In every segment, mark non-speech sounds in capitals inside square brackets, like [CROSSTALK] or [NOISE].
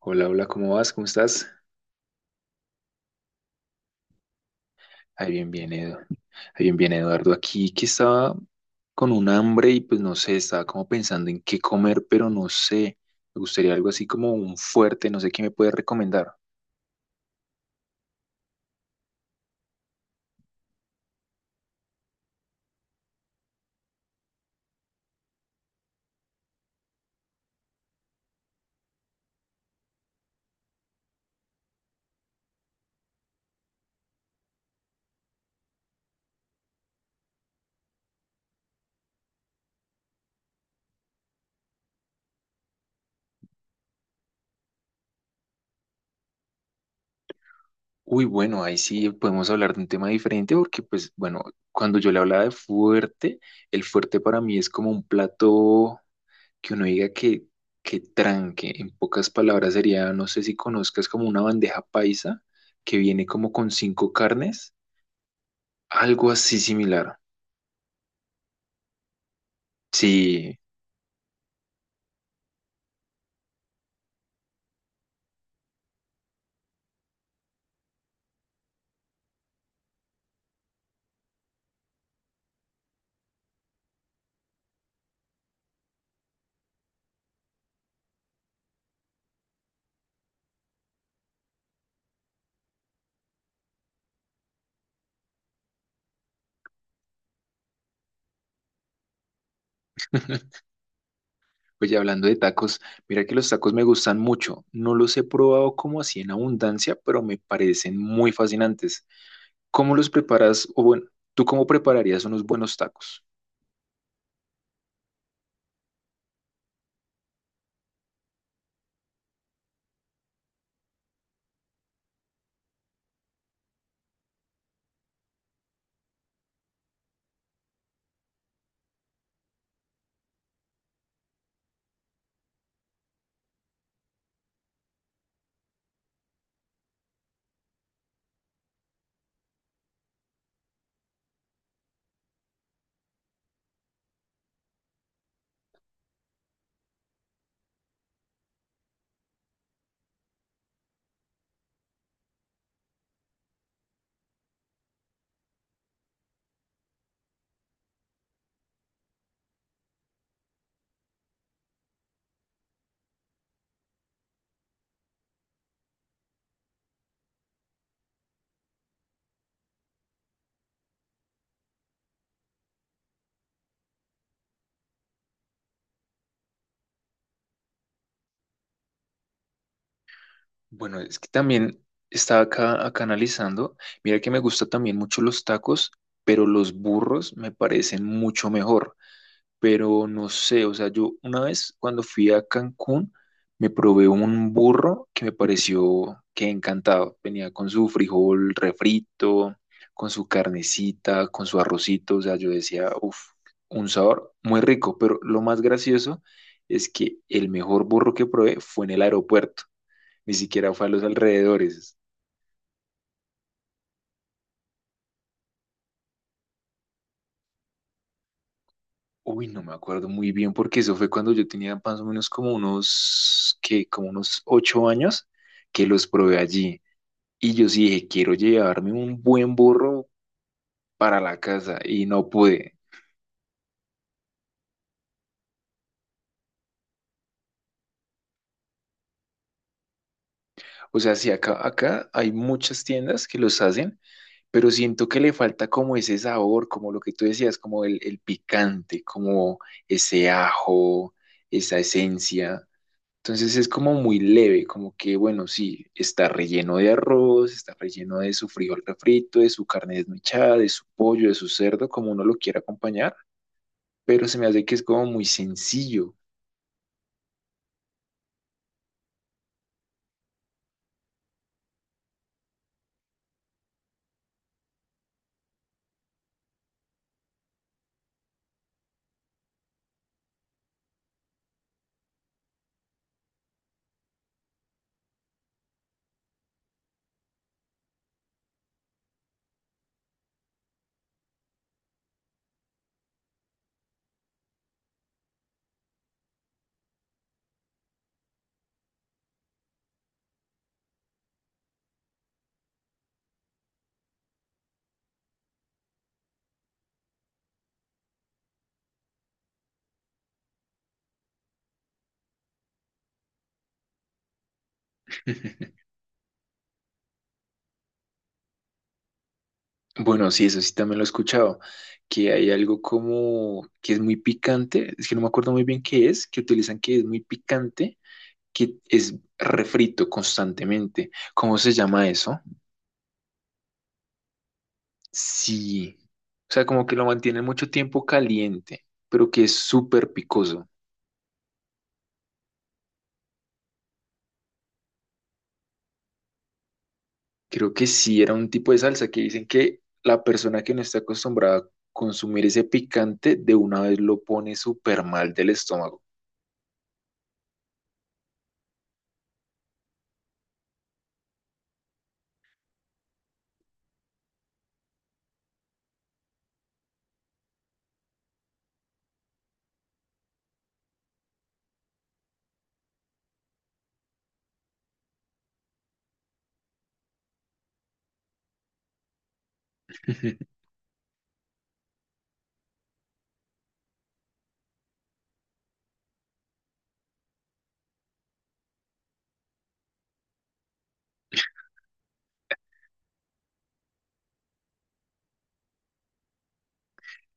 Hola, hola, ¿cómo vas? ¿Cómo estás? Ahí bien, bien, Edu. Ahí bien, bien, Eduardo. Aquí que estaba con un hambre y pues no sé, estaba como pensando en qué comer, pero no sé. Me gustaría algo así como un fuerte, no sé qué me puedes recomendar. Uy, bueno, ahí sí podemos hablar de un tema diferente porque pues bueno, cuando yo le hablaba de fuerte, el fuerte para mí es como un plato que uno diga que tranque. En pocas palabras sería, no sé si conozcas como una bandeja paisa que viene como con cinco carnes. Algo así similar. Sí. [LAUGHS] Oye, hablando de tacos, mira que los tacos me gustan mucho. No los he probado como así en abundancia, pero me parecen muy fascinantes. ¿Cómo los preparas? O bueno, ¿tú cómo prepararías unos buenos tacos? Bueno, es que también estaba acá analizando. Mira que me gustan también mucho los tacos, pero los burros me parecen mucho mejor. Pero no sé, o sea, yo una vez cuando fui a Cancún me probé un burro que me pareció que encantado. Venía con su frijol refrito, con su carnecita, con su arrocito, o sea, yo decía, uff, un sabor muy rico, pero lo más gracioso es que el mejor burro que probé fue en el aeropuerto, ni siquiera fue a los alrededores. Uy, no me acuerdo muy bien porque eso fue cuando yo tenía más o menos como unos, que como unos 8 años que los probé allí. Y yo sí dije, quiero llevarme un buen burro para la casa y no pude. O sea, sí, acá hay muchas tiendas que los hacen, pero siento que le falta como ese sabor, como lo que tú decías, como el picante, como ese ajo, esa esencia. Entonces es como muy leve, como que, bueno, sí, está relleno de arroz, está relleno de su frijol refrito, de su carne desmechada, de su pollo, de su cerdo, como uno lo quiera acompañar, pero se me hace que es como muy sencillo. Bueno, sí, eso sí también lo he escuchado, que hay algo como que es muy picante, es que no me acuerdo muy bien qué es, que utilizan que es muy picante, que es refrito constantemente. ¿Cómo se llama eso? Sí, o sea, como que lo mantienen mucho tiempo caliente, pero que es súper picoso. Creo que sí, era un tipo de salsa que dicen que la persona que no está acostumbrada a consumir ese picante de una vez lo pone súper mal del estómago.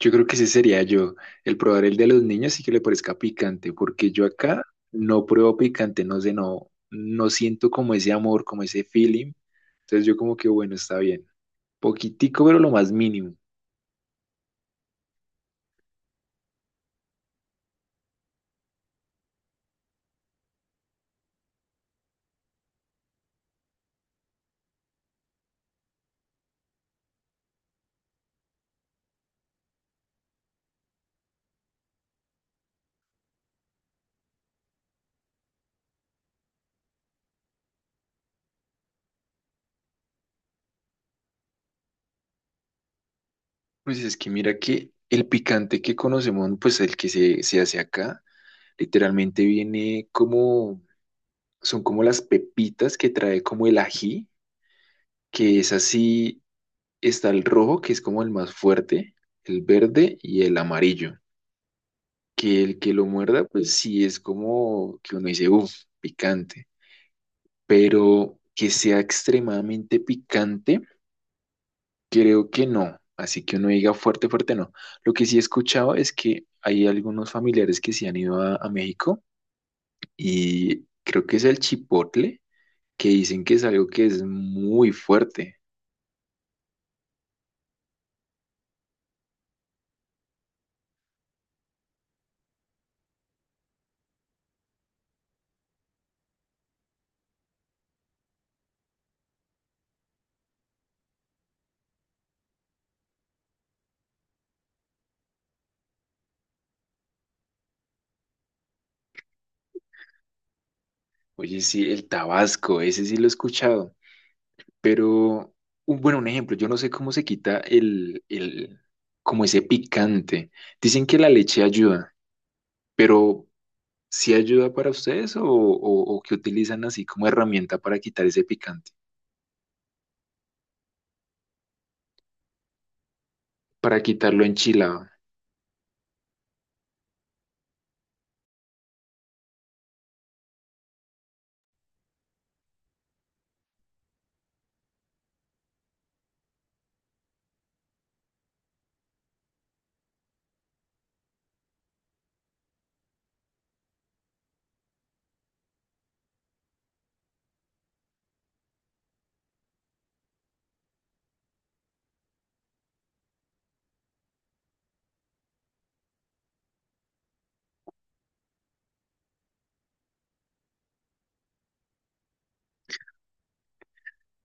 Yo creo que ese sería yo, el probar el de los niños y que le parezca picante, porque yo acá no pruebo picante, no sé, no, no siento como ese amor, como ese feeling. Entonces yo como que, bueno, está bien. Poquitico, pero lo más mínimo. Pues es que mira que el picante que conocemos, pues el que se hace acá, literalmente viene como, son como las pepitas que trae como el ají, que es así, está el rojo, que es como el más fuerte, el verde y el amarillo. Que el que lo muerda, pues sí es como que uno dice, uff, picante, pero que sea extremadamente picante, creo que no. Así que uno diga fuerte, fuerte, no. Lo que sí he escuchado es que hay algunos familiares que se han ido a México y creo que es el chipotle, que dicen que es algo que es muy fuerte. Oye, sí, el tabasco, ese sí lo he escuchado. Pero, un, bueno, un ejemplo, yo no sé cómo se quita el como ese picante. Dicen que la leche ayuda, pero ¿sí ayuda para ustedes o que utilizan así como herramienta para quitar ese picante? Para quitarlo enchilado.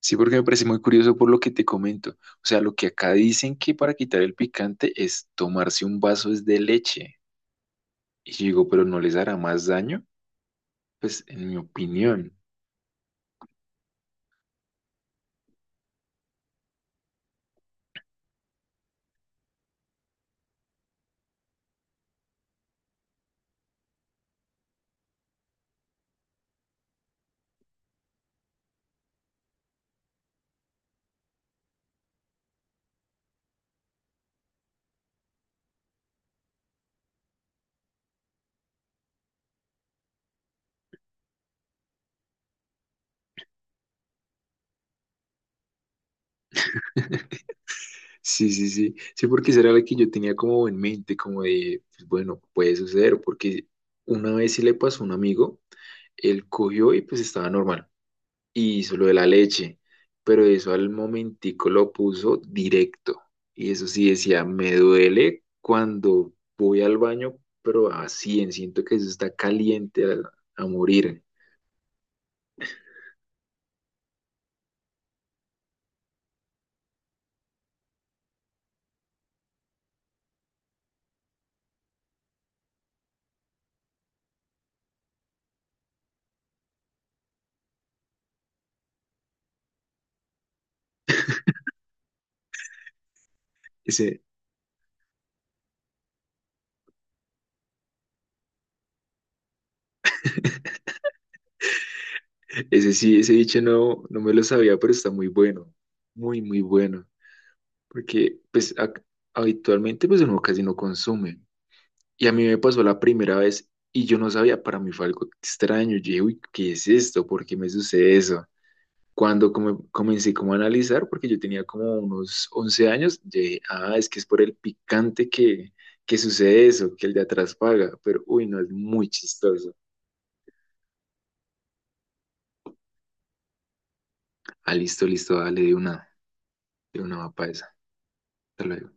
Sí, porque me parece muy curioso por lo que te comento. O sea, lo que acá dicen que para quitar el picante es tomarse un vaso es de leche. Y yo digo, pero ¿no les hará más daño? Pues en mi opinión. [LAUGHS] Sí, sí, sí. Sí, porque esa era la que yo tenía como en mente, como de, pues, bueno, puede suceder, porque una vez sí le pasó a un amigo, él cogió y pues estaba normal, y hizo lo de la leche, pero eso al momentico lo puso directo, y eso sí decía, me duele cuando voy al baño, pero así, en siento que eso está caliente a morir. Ese, [LAUGHS] ese sí, ese dicho no me lo sabía, pero está muy bueno, muy, muy bueno. Porque pues ac- habitualmente pues uno casi no consume. Y a mí me pasó la primera vez y yo no sabía, para mí fue algo extraño. Yo dije, uy, ¿qué es esto? ¿Por qué me sucede eso? Cuando come- comencé como a analizar, porque yo tenía como unos 11 años, yo dije, ah, es que es por el picante que sucede eso, que el de atrás paga. Pero uy, no, es muy chistoso. Ah, listo, listo, dale de una mapa esa. Hasta luego.